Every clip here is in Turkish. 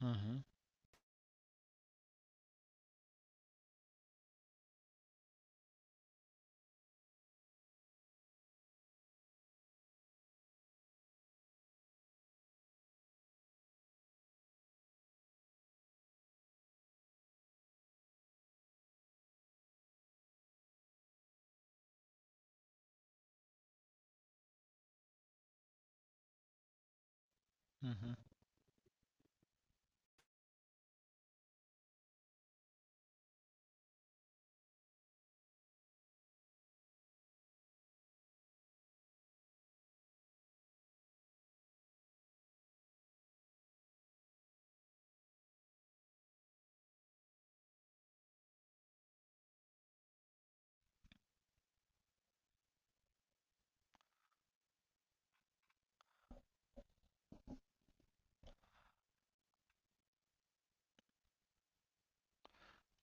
Hı hı, hı hı.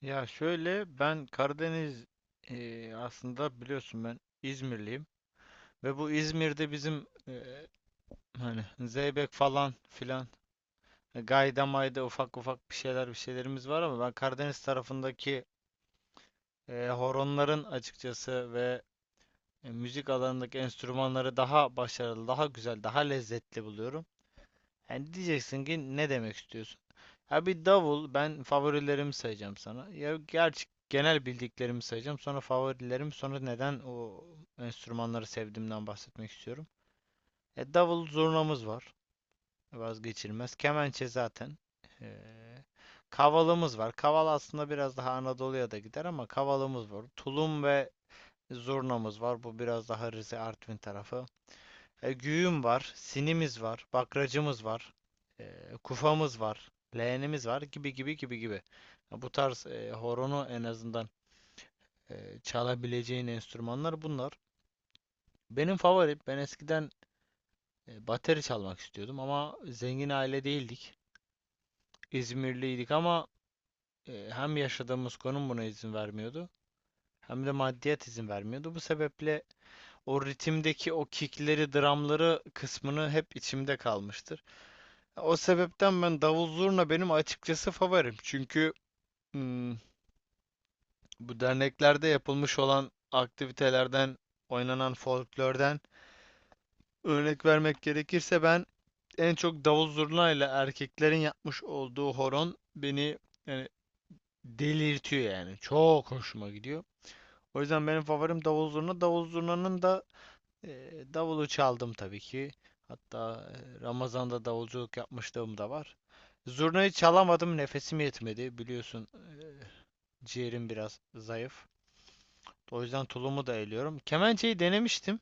Ya şöyle ben Karadeniz aslında biliyorsun ben İzmirliyim ve bu İzmir'de bizim hani zeybek falan filan gayda mayda ufak ufak bir şeyler bir şeylerimiz var ama ben Karadeniz tarafındaki horonların açıkçası ve müzik alanındaki enstrümanları daha başarılı, daha güzel, daha lezzetli buluyorum. Yani diyeceksin ki ne demek istiyorsun? Ya bir davul ben favorilerimi sayacağım sana. Ya gerçi genel bildiklerimi sayacağım. Sonra favorilerim, sonra neden o enstrümanları sevdiğimden bahsetmek istiyorum. Davul zurnamız var. Vazgeçilmez. Kemençe zaten. Ee, Kavalımız var. Kaval aslında biraz daha Anadolu'ya da gider ama kavalımız var. Tulum ve zurnamız var. Bu biraz daha Rize Artvin tarafı. Güğüm var, sinimiz var, bakracımız var, kufamız var, leğenimiz var gibi gibi gibi gibi. Bu tarz horonu en azından çalabileceğin enstrümanlar bunlar. Benim favorim, ben eskiden bateri çalmak istiyordum ama zengin aile değildik. İzmirliydik ama hem yaşadığımız konum buna izin vermiyordu hem de maddiyat izin vermiyordu. Bu sebeple o ritimdeki o kickleri, drumları kısmını hep içimde kalmıştır. O sebepten ben davul zurna benim açıkçası favorim. Çünkü hmm, bu derneklerde yapılmış olan aktivitelerden, oynanan folklörden örnek vermek gerekirse ben en çok davul zurna ile erkeklerin yapmış olduğu horon beni yani delirtiyor yani. Çok hoşuma gidiyor. O yüzden benim favorim davul zurna. Davul zurnanın da davulu çaldım tabii ki. Hatta Ramazan'da davulculuk yapmışlığım da var. Zurnayı çalamadım, nefesim yetmedi. Biliyorsun ciğerim biraz zayıf. O yüzden tulumu da eliyorum. Kemençeyi denemiştim.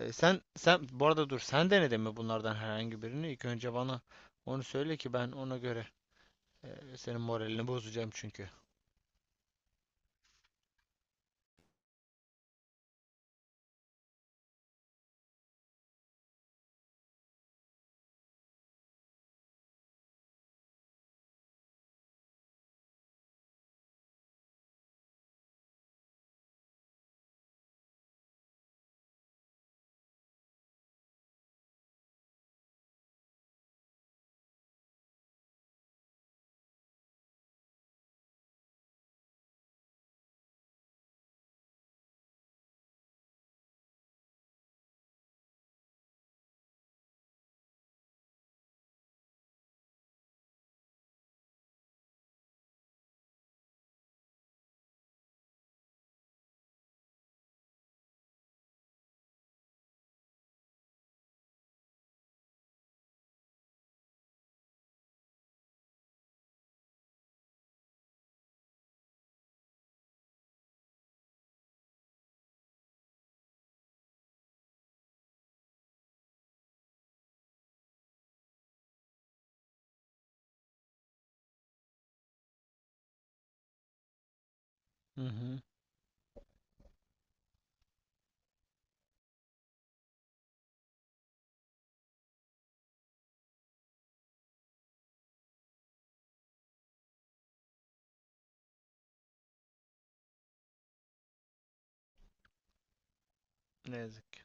Sen bu arada dur sen denedin mi bunlardan herhangi birini? İlk önce bana onu söyle ki ben ona göre senin moralini bozacağım çünkü. Hı hı. Ne yazık ki.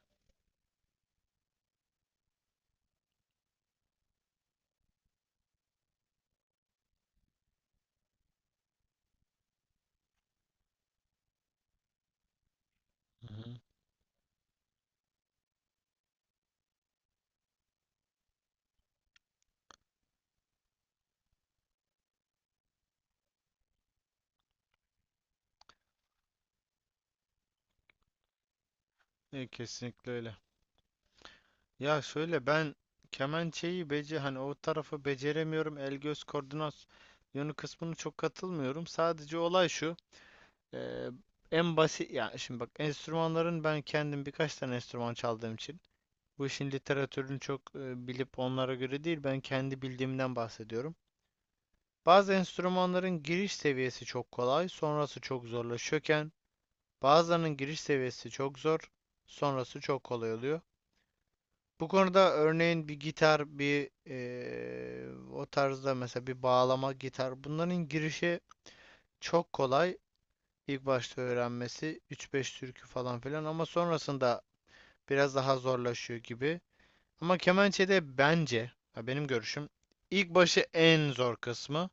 Hı hı. E, kesinlikle öyle. Ya şöyle ben kemençeyi bece hani o tarafı beceremiyorum. El göz koordinasyonu kısmını çok katılmıyorum. Sadece olay şu. eee, En basit ya şimdi bak enstrümanların ben kendim birkaç tane enstrüman çaldığım için bu işin literatürünü çok bilip onlara göre değil ben kendi bildiğimden bahsediyorum. Bazı enstrümanların giriş seviyesi çok kolay, sonrası çok zorlaşıyorken bazılarının giriş seviyesi çok zor, sonrası çok kolay oluyor. Bu konuda örneğin bir gitar, bir o tarzda mesela bir bağlama gitar. Bunların girişi çok kolay. İlk başta öğrenmesi 3-5 türkü falan filan ama sonrasında biraz daha zorlaşıyor gibi. Ama kemençede bence, ya benim görüşüm, ilk başı en zor kısmı.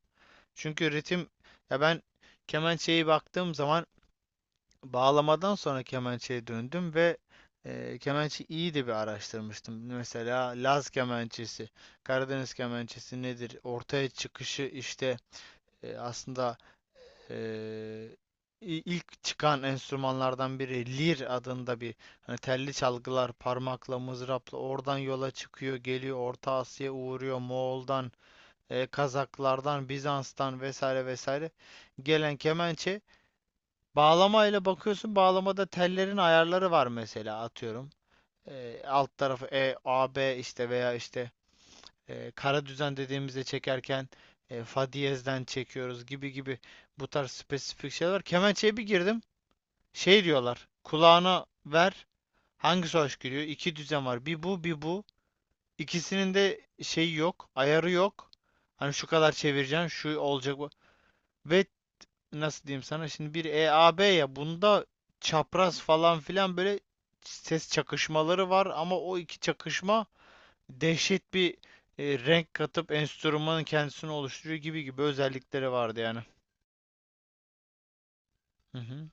Çünkü ritim, ya ben kemençeyi baktığım zaman bağlamadan sonra kemençeye döndüm ve kemençe iyi de bir araştırmıştım. Mesela Laz kemençesi, Karadeniz kemençesi nedir? Ortaya çıkışı işte aslında e, ilk çıkan enstrümanlardan biri lir adında bir hani telli çalgılar parmakla mızrapla oradan yola çıkıyor geliyor Orta Asya'ya uğruyor Moğol'dan Kazaklardan Bizans'tan vesaire vesaire gelen kemençe bağlamayla bakıyorsun. Bağlamada tellerin ayarları var mesela atıyorum. Alt tarafı E, A, B işte veya işte kara düzen dediğimizde çekerken fa diyezden çekiyoruz gibi gibi bu tarz spesifik şeyler var. Kemençeye bir girdim. Şey diyorlar. Kulağına ver. Hangisi hoş geliyor? İki düzen var. Bir bu, bir bu. İkisinin de şeyi yok. Ayarı yok. Hani şu kadar çevireceksin, şu olacak bu. Ve nasıl diyeyim sana şimdi bir EAB ya bunda çapraz falan filan böyle ses çakışmaları var ama o iki çakışma dehşet bir renk katıp enstrümanın kendisini oluşturuyor gibi gibi özellikleri vardı yani. Hı hı,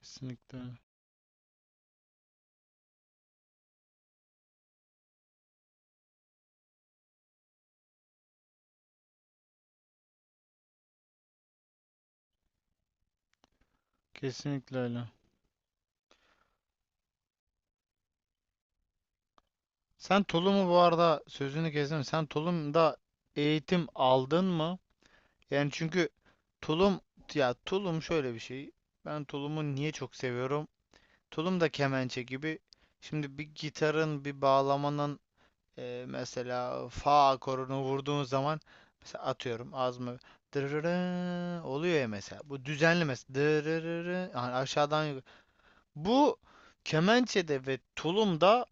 kesinlikle öyle. Kesinlikle öyle. Sen Tulum'u bu arada sözünü kestim. Sen Tulum'da eğitim aldın mı? Yani çünkü tulum ya tulum şöyle bir şey. Ben Tulum'u niye çok seviyorum? Tulum da kemençe gibi. Şimdi bir gitarın, bir bağlamanın mesela fa akorunu vurduğun zaman mesela atıyorum az mı dırırı oluyor ya mesela. Bu düzenli mesela dırırı yani aşağıdan yukarı. Bu kemençede ve tulumda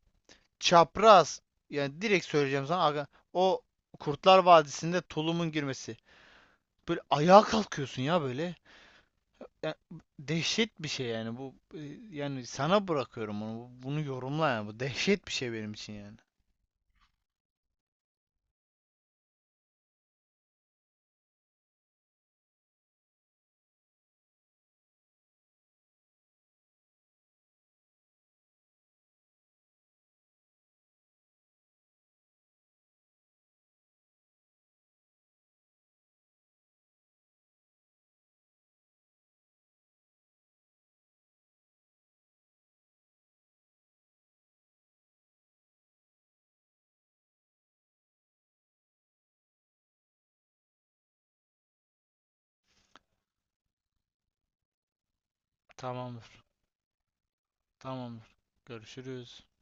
çapraz yani direkt söyleyeceğim sana o Kurtlar Vadisi'nde tulumun girmesi. Böyle ayağa kalkıyorsun ya böyle. Ya, dehşet bir şey yani bu yani sana bırakıyorum onu. Bu- bunu yorumla yani. Bu dehşet bir şey benim için yani. Tamamdır. Tamamdır. Görüşürüz.